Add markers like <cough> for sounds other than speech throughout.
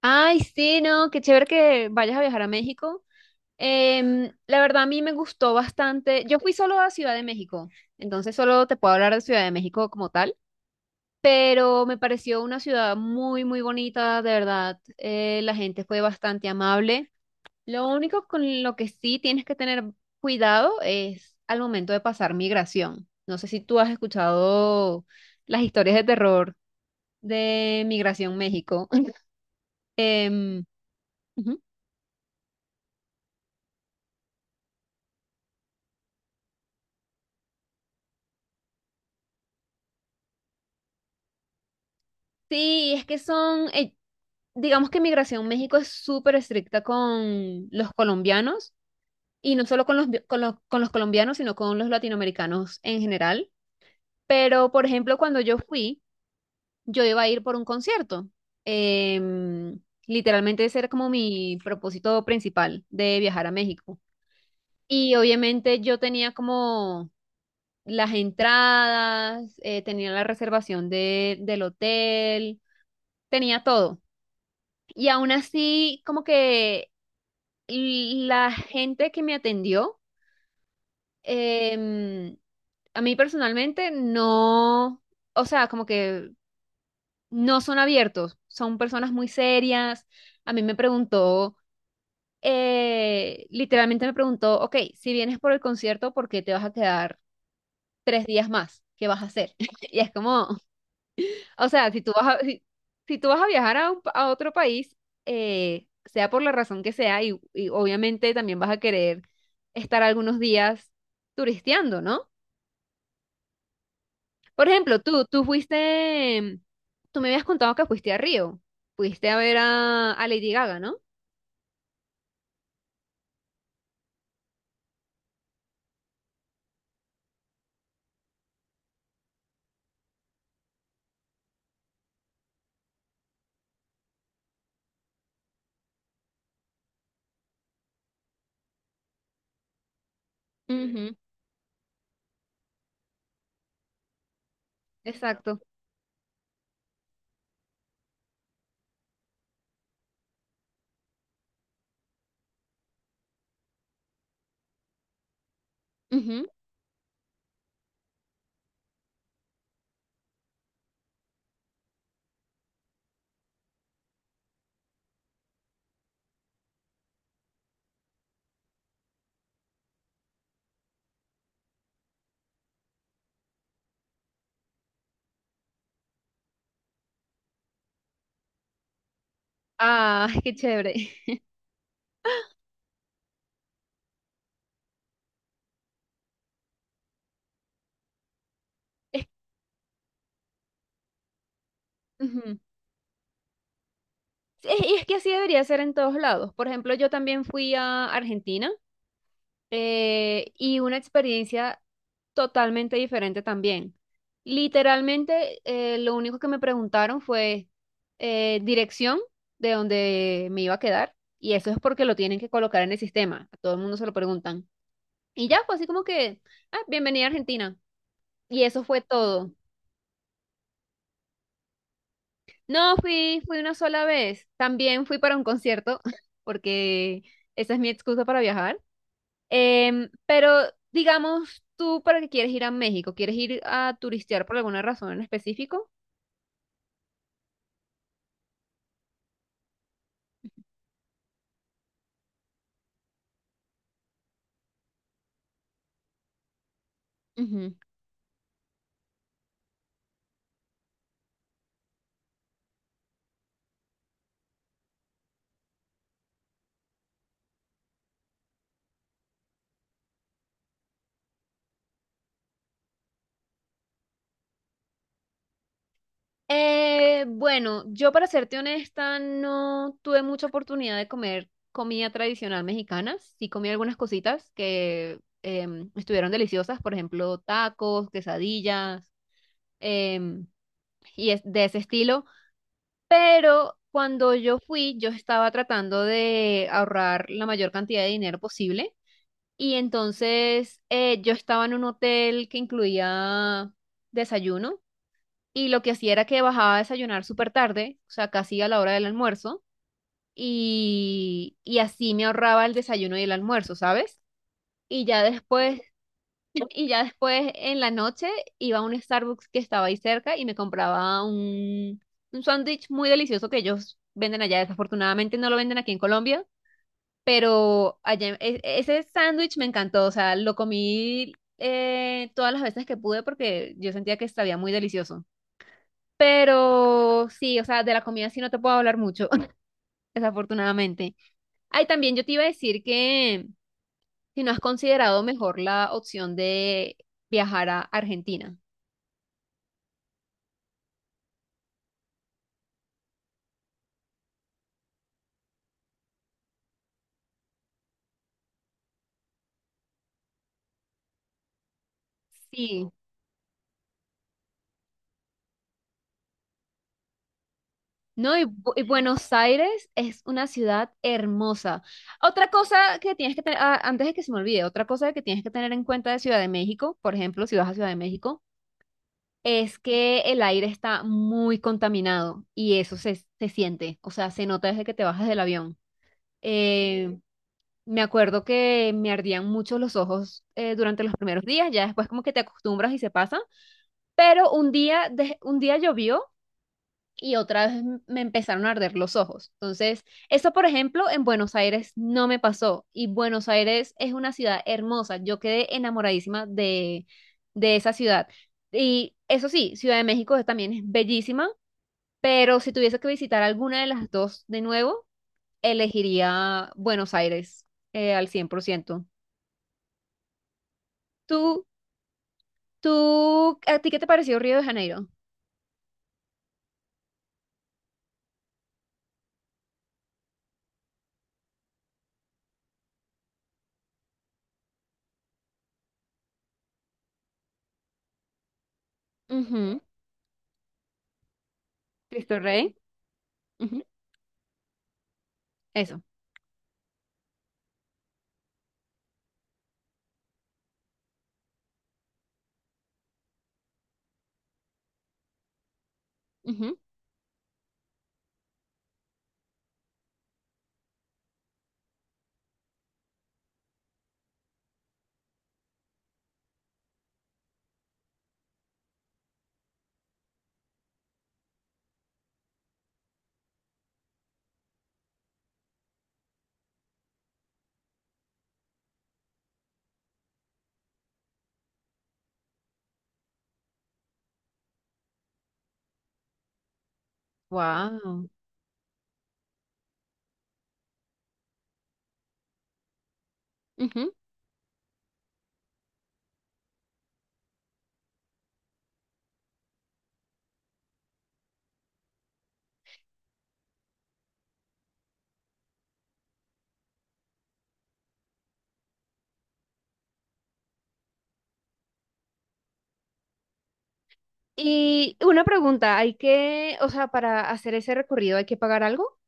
Ay, sí, no, qué chévere que vayas a viajar a México. La verdad a mí me gustó bastante. Yo fui solo a Ciudad de México, entonces solo te puedo hablar de Ciudad de México como tal, pero me pareció una ciudad muy, muy bonita, de verdad. La gente fue bastante amable. Lo único con lo que sí tienes que tener cuidado es al momento de pasar migración. No sé si tú has escuchado las historias de terror de Migración México. <laughs> Em, ujú. Sí, es que son, digamos que Migración México es súper estricta con los colombianos y no solo con con con los colombianos, sino con los latinoamericanos en general. Pero, por ejemplo, cuando yo fui, yo iba a ir por un concierto. Em, Literalmente ese era como mi propósito principal de viajar a México. Y obviamente yo tenía como las entradas, tenía la reservación del hotel, tenía todo. Y aún así, como que la gente que me atendió, em, a mí personalmente no, o sea, como que no son abiertos, son personas muy serias. A mí me preguntó, literalmente me preguntó, ok, si vienes por el concierto, ¿por qué te vas a quedar 3 días más? ¿Qué vas a hacer? <laughs> Y es como... O sea, si tú vas a viajar a, a otro país, sea por la razón que sea, y obviamente también vas a querer estar algunos días turisteando, ¿no? Por ejemplo, tú fuiste, tú me habías contado que fuiste a Río, fuiste a ver a Lady Gaga, ¿no? Ujú, exacto. Ujú. Ah, <laughs> qué chévere. Es, ujú. Sí, Es- y es que así debería ser en todos lados. Por ejemplo, yo también fui a Argentina y una experiencia totalmente diferente también. Literalmente, lo único que me preguntaron fue dirección de donde me iba a quedar, y eso es porque lo tienen que colocar en el sistema. A todo el mundo se lo preguntan. Y ya fue así como que, ah, bienvenida a Argentina. Y eso fue todo. No, fui una sola vez. También fui para un concierto, <laughs> porque esa es mi excusa para viajar. Pero digamos, tú para qué quieres ir a México, ¿quieres ir a turistear por alguna razón en específico? Ujú. Bueno, yo para serte honesta no tuve mucha oportunidad de comer comida tradicional mexicana. Sí comí algunas cositas que estuvieron deliciosas, por ejemplo, tacos, quesadillas em, y es de ese estilo. Pero cuando yo fui, yo estaba tratando de ahorrar la mayor cantidad de dinero posible. Y entonces yo estaba en un hotel que incluía desayuno y lo que hacía era que bajaba a desayunar súper tarde, o sea, casi a la hora del almuerzo, y así me ahorraba el desayuno y el almuerzo, ¿sabes? Y ya después, <laughs> y ya después en la noche iba a un Starbucks que estaba ahí cerca y me compraba un sándwich muy delicioso que ellos venden allá. Desafortunadamente no lo venden aquí en Colombia, pero allá, e- ese sándwich me encantó, o sea, lo comí todas las veces que pude porque yo sentía que sabía muy delicioso. Pero sí, o sea, de la comida sí no te puedo hablar mucho, <laughs> desafortunadamente. Ay, también yo te iba a decir que si no has considerado mejor la opción de viajar a Argentina. Sí. No, y Buenos Aires es una ciudad hermosa. Otra cosa que tienes que tener, ah, antes de que se me olvide, otra cosa que tienes que tener en cuenta de Ciudad de México, por ejemplo, si vas a Ciudad de México, es que el aire está muy contaminado y eso se siente, o sea, se nota desde que te bajas del avión. Eh, Me acuerdo que me ardían mucho los ojos durante los primeros días, ya después como que te acostumbras y se pasa, pero un día, de- un día llovió y otra vez me empezaron a arder los ojos. Entonces, eso, por ejemplo, en Buenos Aires no me pasó. Y Buenos Aires es una ciudad hermosa. Yo quedé enamoradísima de esa ciudad. Y eso sí, Ciudad de México es- también es bellísima, pero si tuviese que visitar alguna de las dos de nuevo, elegiría Buenos Aires al 100%. ¿Tú, tú, a ti qué te pareció Río de Janeiro? Ujú. Cristo Rey. Ujú. Eso. Wow. Y una pregunta, ¿hay que, o sea, para hacer ese recorrido hay que pagar algo?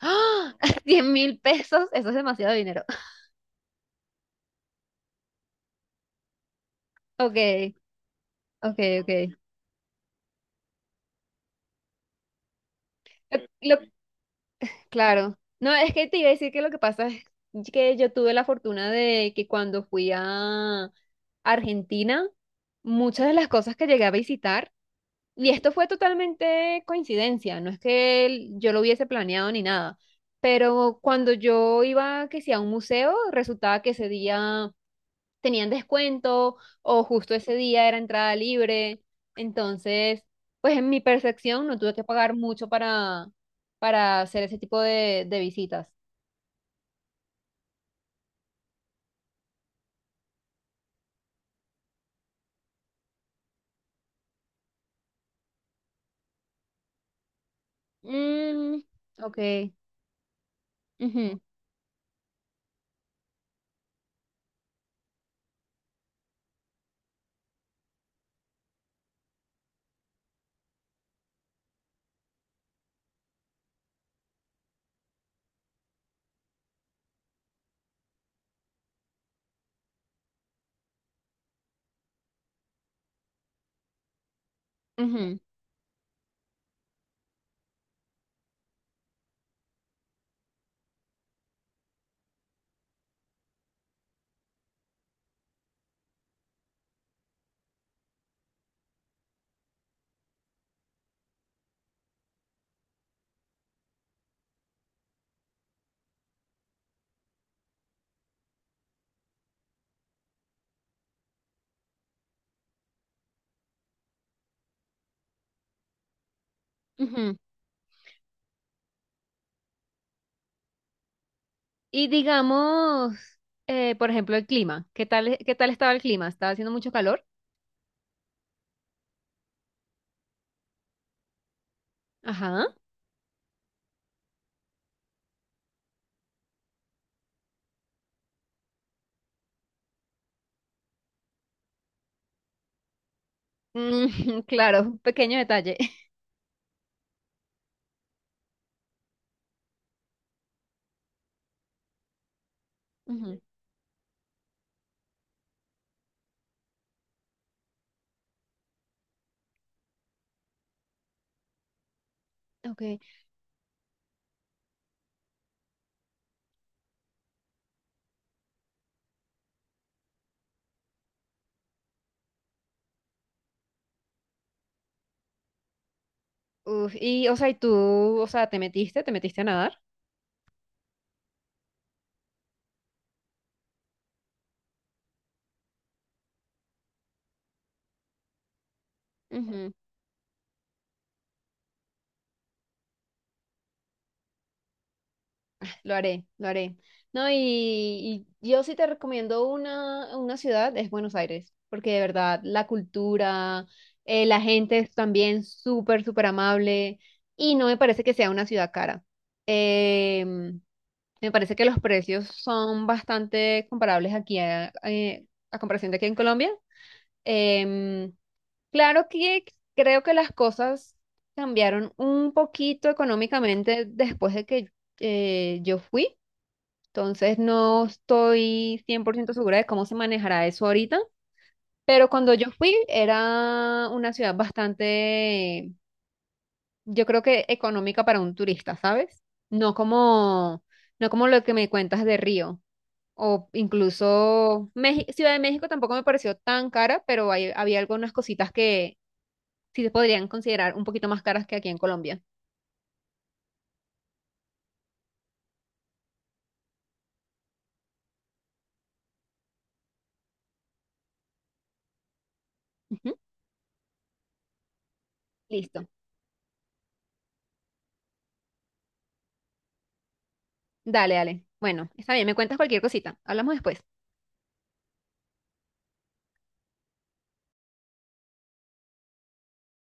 ¡Ah! <laughs> 100 mil pesos, eso es demasiado dinero. <laughs> Ok, ok, ok. Lo- lo- claro. No, es que te iba a decir que lo que pasa es que yo tuve la fortuna de que cuando fui a Argentina, muchas de las cosas que llegué a visitar. Y esto fue totalmente coincidencia, no es que el- yo lo hubiese planeado ni nada, pero cuando yo iba, que si a un museo, resultaba que ese día tenían descuento o justo ese día era entrada libre, entonces, pues en mi percepción no tuve que pagar mucho para hacer ese tipo de visitas. Mm, ok. Ujú, ujú, ujú. Y digamos, por ejemplo, el clima, qué tal estaba el clima? ¿Estaba haciendo mucho calor? Ajá. Mm, <laughs> claro, un pequeño detalle. <laughs> Ujú. Ok. Uf, y, o sea, y tú, o sea, ¿te metiste? ¿Te metiste a nadar? Ujú. Lo haré, lo haré. No, y yo sí te recomiendo una ciudad, es Buenos Aires, porque de verdad la cultura, la gente es también súper, súper amable y no me parece que sea una ciudad cara. Em, Me parece que los precios son bastante comparables aquí a comparación de aquí en Colombia. Em, Claro que creo que las cosas cambiaron un poquito económicamente después de que yo fui, entonces no estoy 100% segura de cómo se manejará eso ahorita, pero cuando yo fui era una ciudad bastante, yo creo que económica para un turista, ¿sabes? No como, no como lo que me cuentas de Río. O incluso Meji- Ciudad de México tampoco me pareció tan cara, pero hay- había algunas cositas que sí se podrían considerar un poquito más caras que aquí en Colombia. Ujú, listo. Dale, dale. Bueno, está bien, me cuentas cualquier cosita. Hablamos después.